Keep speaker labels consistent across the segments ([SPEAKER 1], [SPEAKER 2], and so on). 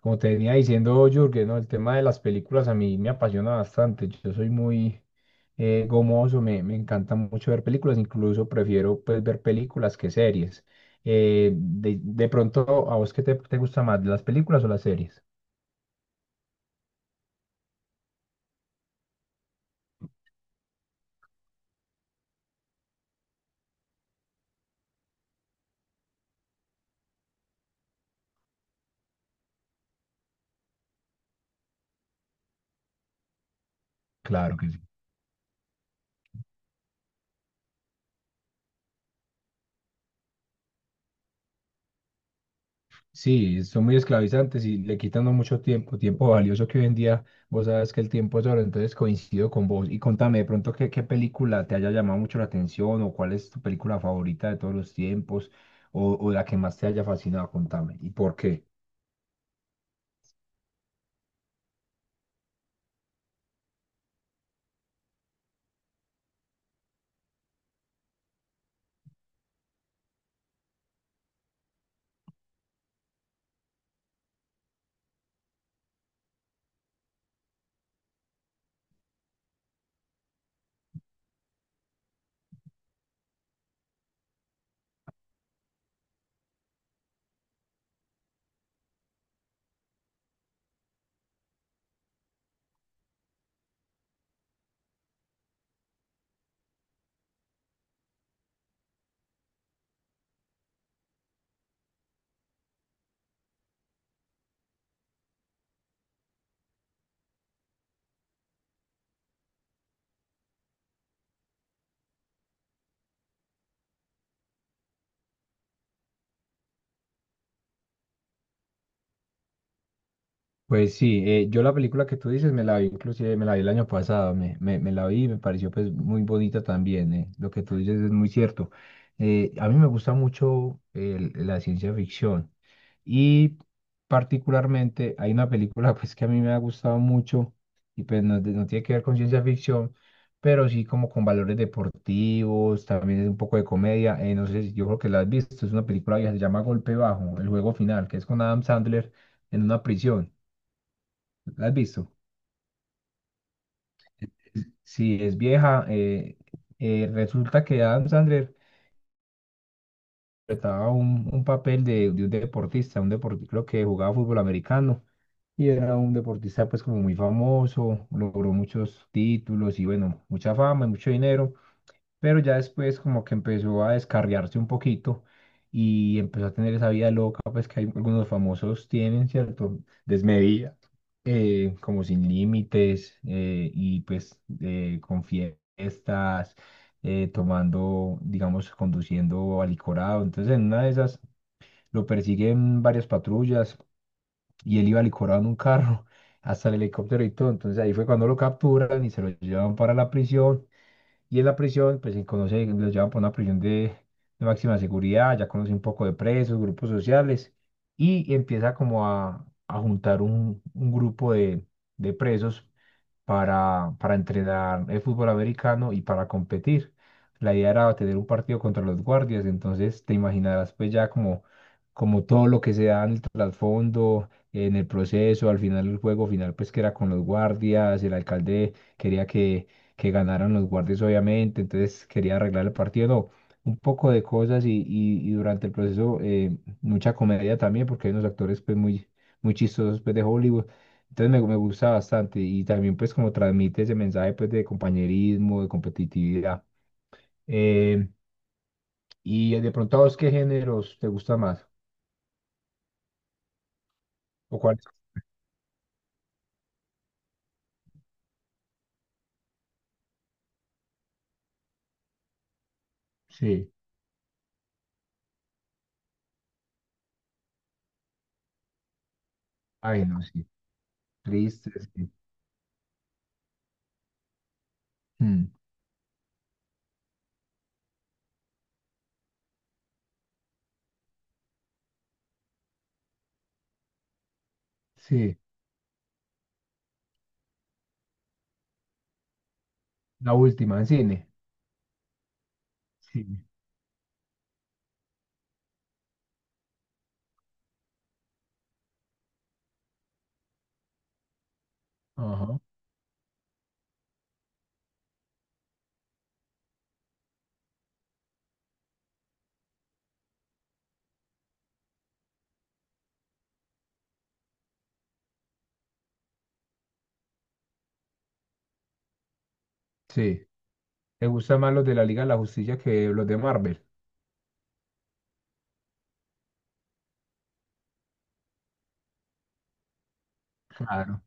[SPEAKER 1] Como te venía diciendo Jürgen, ¿no? El tema de las películas a mí me apasiona bastante. Yo soy muy gomoso, me encanta mucho ver películas, incluso prefiero pues ver películas que series. De pronto, ¿a vos qué te gusta más, las películas o las series? Claro que sí. Sí, son muy esclavizantes y le quitan a uno mucho tiempo, tiempo valioso que hoy en día vos sabes que el tiempo es oro, entonces coincido con vos. Y contame de pronto qué película te haya llamado mucho la atención o cuál es tu película favorita de todos los tiempos o la que más te haya fascinado, contame. ¿Y por qué? Pues sí, yo la película que tú dices me la vi, inclusive me la vi el año pasado, me la vi y me pareció pues muy bonita también, lo que tú dices es muy cierto. A mí me gusta mucho la ciencia ficción y particularmente hay una película pues que a mí me ha gustado mucho y pues no, no tiene que ver con ciencia ficción, pero sí como con valores deportivos, también es un poco de comedia, no sé, yo creo que la has visto, es una película que se llama Golpe Bajo, el juego final, que es con Adam Sandler en una prisión. ¿La has visto? Sí, es vieja. Resulta que Adam Sandler interpretaba un papel de un deportista, creo que jugaba fútbol americano y era un deportista pues como muy famoso, logró muchos títulos y bueno, mucha fama y mucho dinero. Pero ya después como que empezó a descarriarse un poquito y empezó a tener esa vida loca, pues que algunos famosos tienen, ¿cierto? Desmedida, como sin límites y pues con fiestas, tomando, digamos, conduciendo alicorado. Entonces en una de esas lo persiguen varias patrullas y él iba alicorado en un carro. Hasta el helicóptero y todo, entonces ahí fue cuando lo capturan y se lo llevan para la prisión y en la prisión, pues se conoce, los llevan para una prisión de máxima seguridad, ya conoce un poco de presos, grupos sociales, y empieza como a juntar un grupo de presos para entrenar el fútbol americano y para competir. La idea era tener un partido contra los guardias, entonces te imaginarás pues ya como, como todo lo que se da en el trasfondo, en el proceso, al final el juego final pues que era con los guardias, el alcalde quería que ganaran los guardias obviamente, entonces quería arreglar el partido, no, un poco de cosas y durante el proceso mucha comedia también porque hay unos actores pues muy, muy chistosos pues de Hollywood. Entonces me gusta bastante y también pues como transmite ese mensaje pues de compañerismo, de competitividad. Eh, y de pronto a vos, ¿qué géneros te gusta más? ¿O cuáles? Sí. Ay, no, sí. Triste, sí. Mm, sí. La última, en cine. Sí. Ajá. Sí. ¿Te gustan más los de la Liga de la Justicia que los de Marvel? Claro.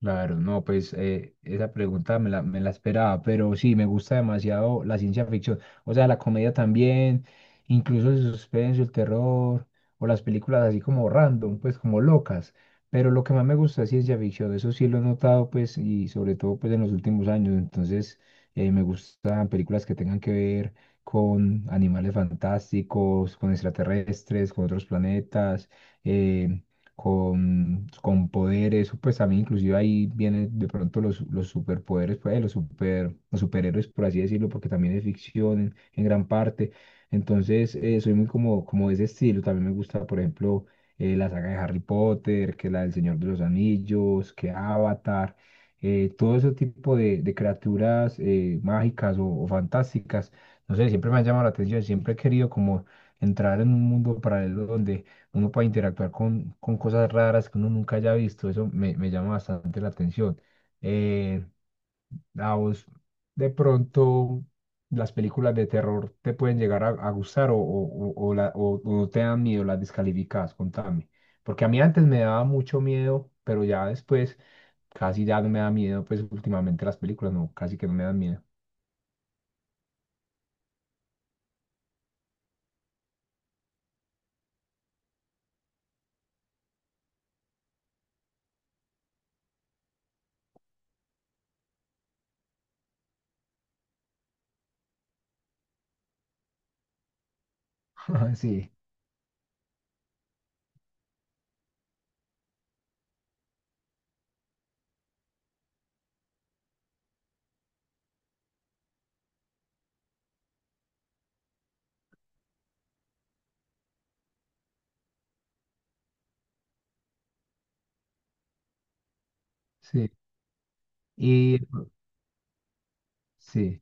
[SPEAKER 1] Claro, no, pues esa pregunta me me la esperaba, pero sí, me gusta demasiado la ciencia ficción, o sea, la comedia también, incluso el suspenso, el terror, o las películas así como random, pues como locas, pero lo que más me gusta es ciencia ficción, eso sí lo he notado, pues, y sobre todo, pues, en los últimos años, entonces, me gustan películas que tengan que ver con animales fantásticos, con extraterrestres, con otros planetas, eh, con poderes, o pues también inclusive ahí vienen de pronto los superpoderes, pues los super, los superhéroes, por así decirlo, porque también es ficción en gran parte. Entonces, soy muy como, como de ese estilo. También me gusta, por ejemplo, la saga de Harry Potter, que la del Señor de los Anillos, que Avatar, todo ese tipo de criaturas mágicas o fantásticas. No sé, siempre me han llamado la atención, siempre he querido como entrar en un mundo paralelo donde uno puede interactuar con cosas raras que uno nunca haya visto, eso me llama bastante la atención. Eh, a vos, de pronto, las películas de terror te pueden llegar a gustar o no te dan miedo, las descalificas, contame. Porque a mí antes me daba mucho miedo, pero ya después casi ya no me da miedo, pues últimamente las películas no, casi que no me dan miedo. Sí, sí. Y sí,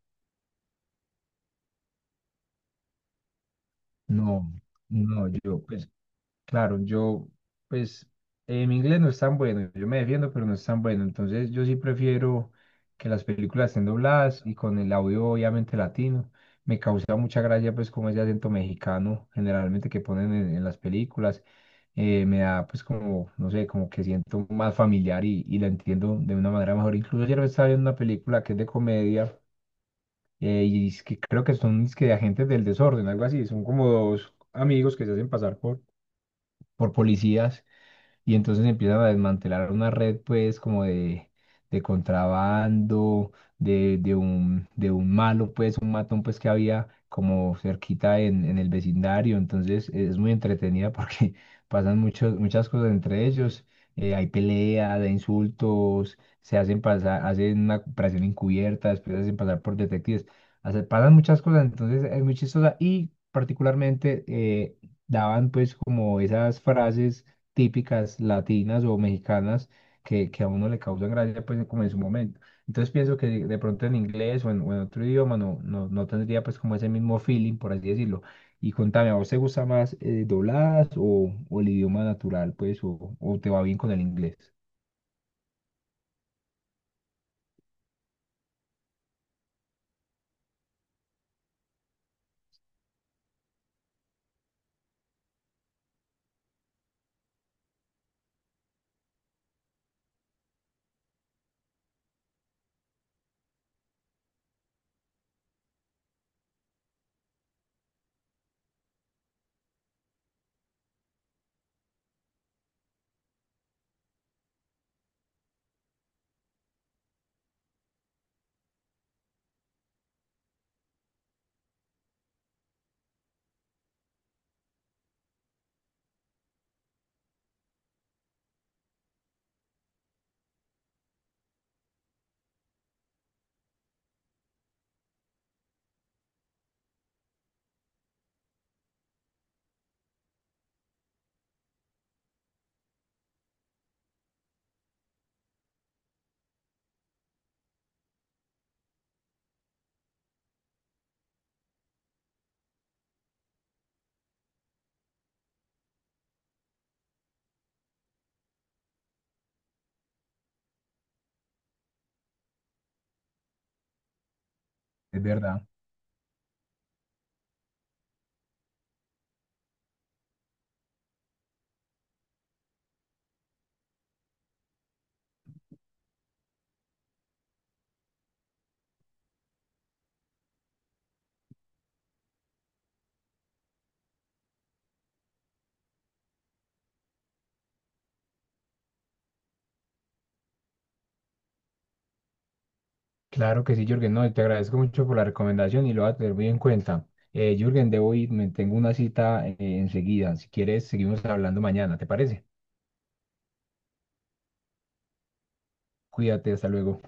[SPEAKER 1] no, no, yo pues. Claro, yo, pues, mi inglés no es tan bueno, yo me defiendo, pero no es tan bueno, entonces yo sí prefiero que las películas estén dobladas y con el audio obviamente latino. Me causa mucha gracia, pues, como ese acento mexicano generalmente que ponen en las películas, me da, pues, como, no sé, como que siento más familiar y la entiendo de una manera mejor. Incluso ayer estaba viendo una película que es de comedia y es que creo que son es que de agentes del desorden, algo así, son como dos amigos que se hacen pasar por policías y entonces empiezan a desmantelar una red pues como de contrabando, de un malo pues, un matón pues que había como cerquita en el vecindario, entonces es muy entretenida porque pasan muchas cosas entre ellos, hay peleas, hay insultos, se hacen pasar, hacen una operación encubierta, después se hacen pasar por detectives, pasan muchas cosas, entonces es muy chistosa y particularmente... daban pues como esas frases típicas latinas o mexicanas que a uno le causan gracia, pues como en su momento. Entonces pienso que de pronto en inglés o o en otro idioma no, no tendría pues como ese mismo feeling, por así decirlo. Y contame, ¿a vos te gusta más dobladas o el idioma natural, pues, o te va bien con el inglés? Es verdad. Claro que sí, Jürgen, no, te agradezco mucho por la recomendación y lo voy a tener muy en cuenta. Jürgen, debo ir, me tengo una cita enseguida. Si quieres, seguimos hablando mañana, ¿te parece? Cuídate, hasta luego.